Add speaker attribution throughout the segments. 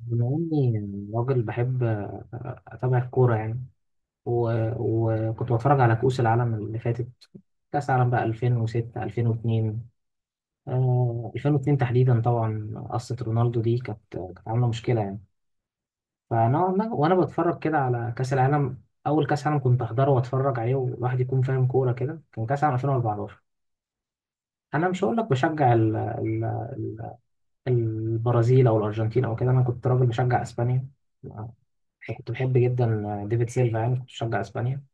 Speaker 1: بما إني راجل بحب أتابع الكورة يعني. و- وكنت بتفرج على كؤوس العالم اللي فاتت. كأس العالم بقى 2006، 2002. آه، 2002 تحديدا، طبعا قصة رونالدو دي كانت عاملة مشكلة يعني. فنوعا ما وأنا بتفرج كده على كأس العالم، أول كأس عالم كنت أحضره وأتفرج عليه والواحد يكون فاهم كورة كده، كان كأس العالم 2014. أنا مش هقول لك بشجع البرازيل او الارجنتين او كده، انا كنت راجل بشجع اسبانيا، كنت بحب جدا ديفيد سيلفا يعني كنت بشجع اسبانيا.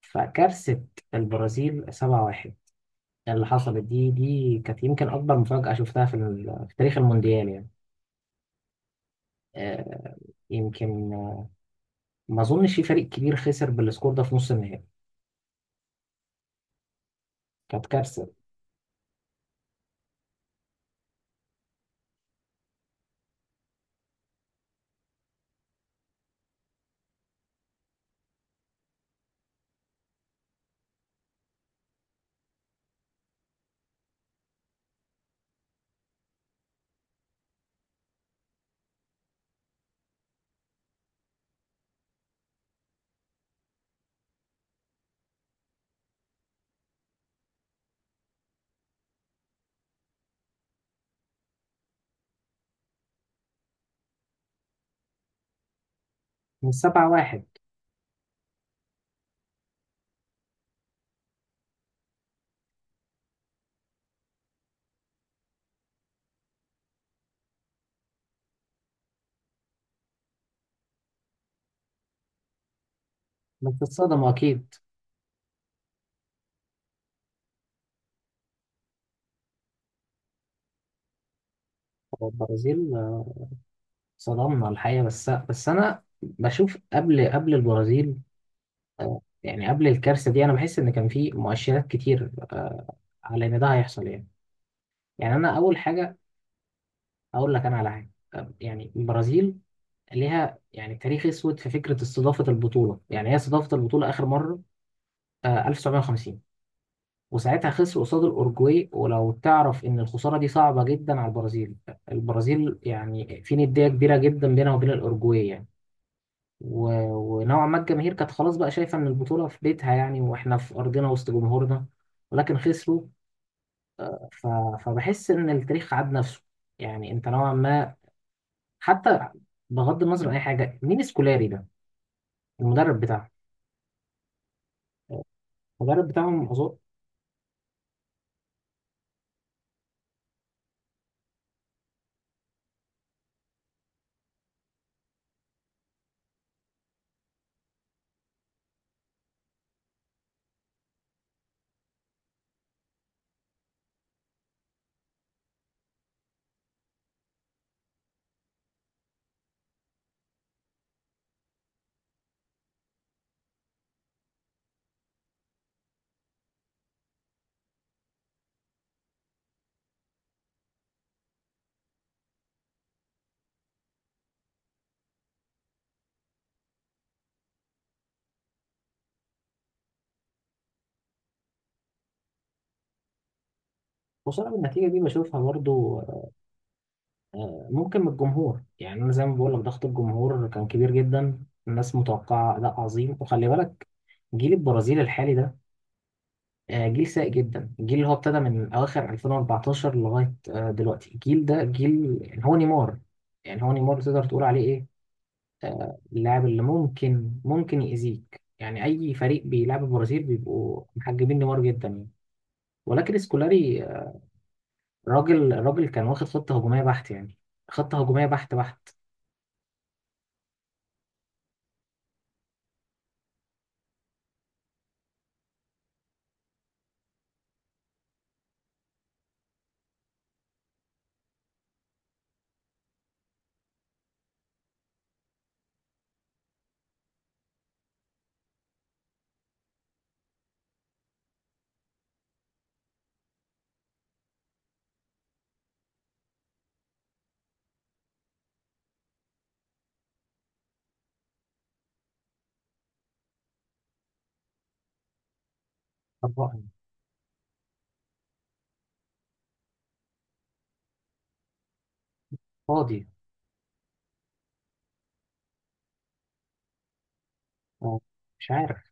Speaker 1: فكارثة البرازيل 7-1 اللي حصلت دي كانت يمكن اكبر مفاجأة شفتها في تاريخ المونديال يعني. آه، يمكن. ما اظنش في فريق كبير خسر بالسكور ده في نص النهائي، كانت كارثة. من 7-1. بس اتصدموا اكيد. هو البرازيل، صدمنا الحقيقة. بس انا بشوف قبل البرازيل، يعني قبل الكارثة دي، أنا بحس إن كان في مؤشرات كتير، على إن ده هيحصل يعني. يعني أنا أول حاجة أقول لك أنا على حاجة، يعني البرازيل ليها يعني تاريخ أسود في فكرة استضافة البطولة. يعني هي استضافت البطولة آخر مرة 1950، وساعتها خسر قصاد الأورجواي، ولو تعرف إن الخسارة دي صعبة جدا على البرازيل. البرازيل يعني في ندية كبيرة جدا بينها وبين الأورجواي يعني. ونوعا ما الجماهير كانت خلاص بقى شايفة إن البطولة في بيتها، يعني وإحنا في أرضنا وسط جمهورنا، ولكن خسروا. ف- فبحس ان التاريخ عاد نفسه يعني. انت نوعا ما حتى، بغض النظر عن اي حاجه، مين سكولاري ده؟ المدرب بتاعهم. المدرب بتاعهم أظن- وصلنا بالنتيجه دي، بشوفها برضو. ممكن من الجمهور، يعني انا زي ما بقول لك ضغط الجمهور كان كبير جدا، الناس متوقعه اداء عظيم. وخلي بالك جيل البرازيل الحالي ده، جيل سيء جدا. الجيل اللي هو ابتدى من اواخر 2014 لغايه دلوقتي، الجيل ده جيل يعني هو نيمار. تقدر تقول عليه إيه، اللاعب اللي ممكن يأذيك يعني. أي فريق بيلعب البرازيل بيبقوا محجبين نيمار جدا يعني. ولكن سكولاري راجل كان واخد خطة هجومية بحت يعني، خطة هجومية بحت بحت. طبقا. فاضي. هو مش عارف.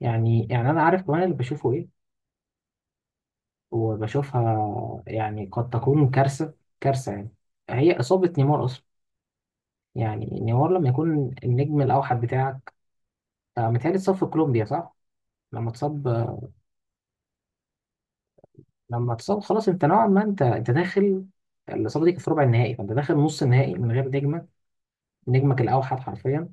Speaker 1: يعني أنا عارف كمان اللي بشوفه إيه وبشوفها. يعني قد تكون كارثة، كارثة يعني. هي إصابة نيمار أصلا، يعني نيمار لما يكون النجم الأوحد بتاعك. متهيألي اتصاب في كولومبيا صح؟ لما اتصاب لما تصاب خلاص، انت نوعا ما، انت داخل. الاصابه دي كانت في ربع النهائي، فانت داخل نص النهائي من غير نجمك، نجمك الاوحد حرفيا.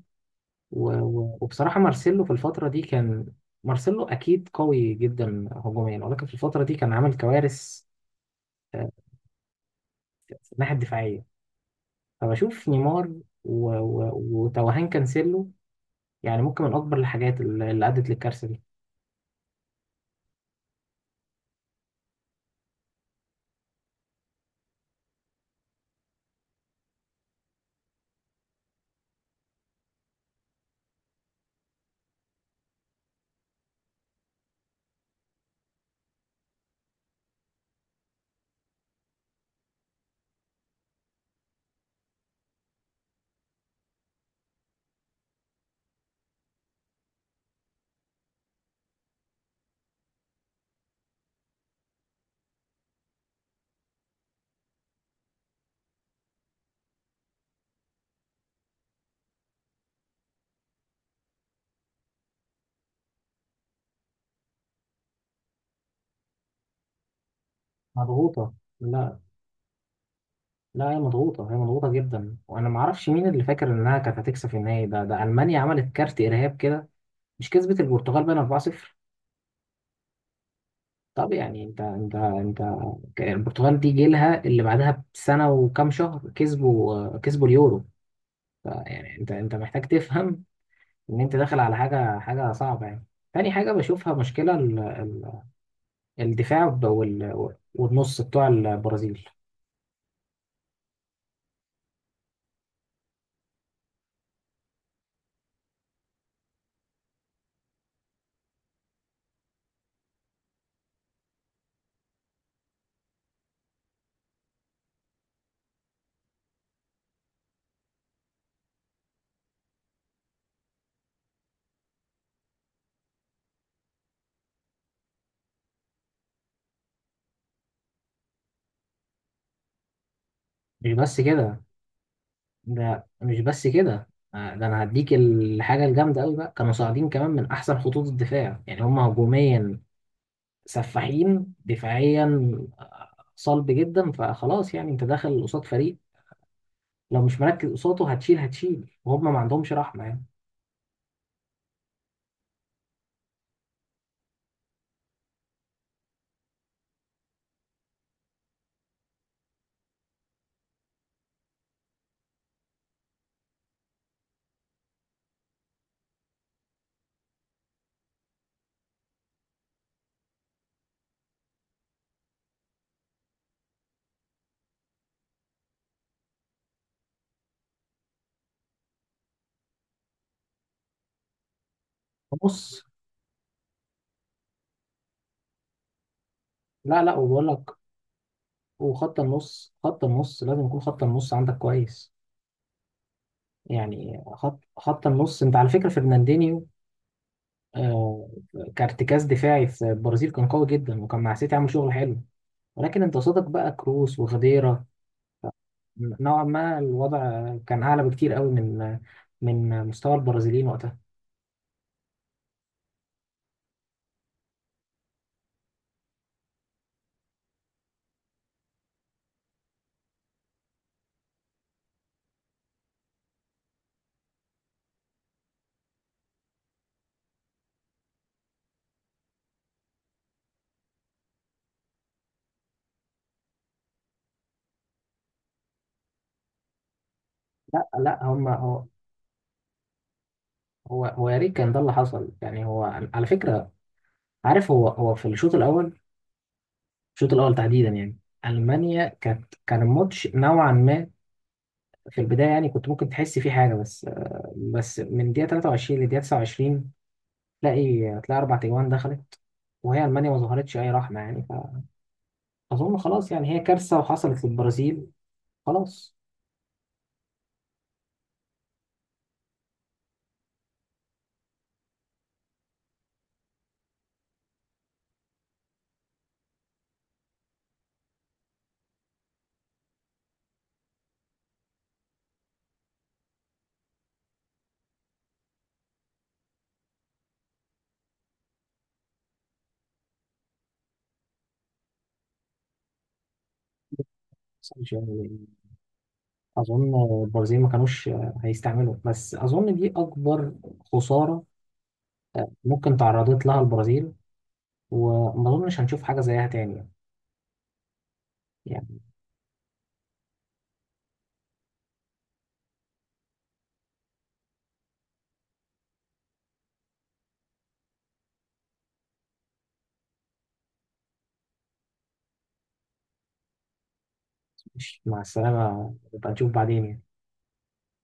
Speaker 1: وبصراحه مارسيلو في الفتره دي كان، مارسيلو اكيد قوي جدا هجوميا، ولكن في الفتره دي كان عامل كوارث آه، في الناحيه الدفاعيه. فبشوف نيمار وتوهان كانسيلو، يعني ممكن من اكبر الحاجات اللي ادت للكارثه دي. مضغوطه. لا، لا، هي مضغوطه جدا. وانا ما اعرفش مين اللي فاكر انها كانت هتكسب النهائي ده. ده المانيا عملت كارت ارهاب كده، مش كسبت البرتغال بقى 4-0؟ طب يعني انت، البرتغال دي جيلها اللي بعدها بسنة وكام شهر كسبوا اليورو. يعني انت محتاج تفهم ان انت داخل على حاجة صعبة يعني. تاني حاجة بشوفها مشكلة الدفاع والنص بتوع البرازيل. مش بس كده، ده مش بس كده. ده انا هديك الحاجة الجامدة قوي بقى، كانوا صاعدين كمان من احسن خطوط الدفاع، يعني هم هجوميا سفاحين، دفاعيا صلب جدا. فخلاص يعني انت داخل قصاد فريق، لو مش مركز قصاده هتشيل، وهم ما عندهمش رحمه يعني. نص. لا، لا، وبقول لك، وخط النص خط النص لازم يكون خط النص عندك كويس. يعني خط النص، انت على فكره فرناندينيو، آه، كارتكاز دفاعي في البرازيل كان قوي جدا، وكان مع سيتي عامل شغل حلو، ولكن انت قصادك بقى كروس وخديرة. نوعا ما الوضع كان اعلى بكتير قوي من مستوى البرازيليين وقتها. لا، لا. هم هو هو هو يا ريت كان ده اللي حصل يعني. هو على فكره، عارف، هو في الشوط الاول، الشوط الاول تحديدا يعني. المانيا كان الماتش نوعا ما في البدايه، يعني كنت ممكن تحس فيه حاجه. بس من دقيقه 23 لدقيقه 29 تلاقي اربع تجوان دخلت، وهي المانيا ما ظهرتش اي رحمه يعني. فاظن خلاص يعني هي كارثه وحصلت للبرازيل. خلاص. يعني، اظن البرازيل ما كانوش هيستعملوا، بس اظن دي اكبر خساره ممكن تعرضت لها البرازيل، وما أظنش هنشوف حاجة زيها تاني يعني. مش، مع السلامة، نبقى نشوف بعدين يعني.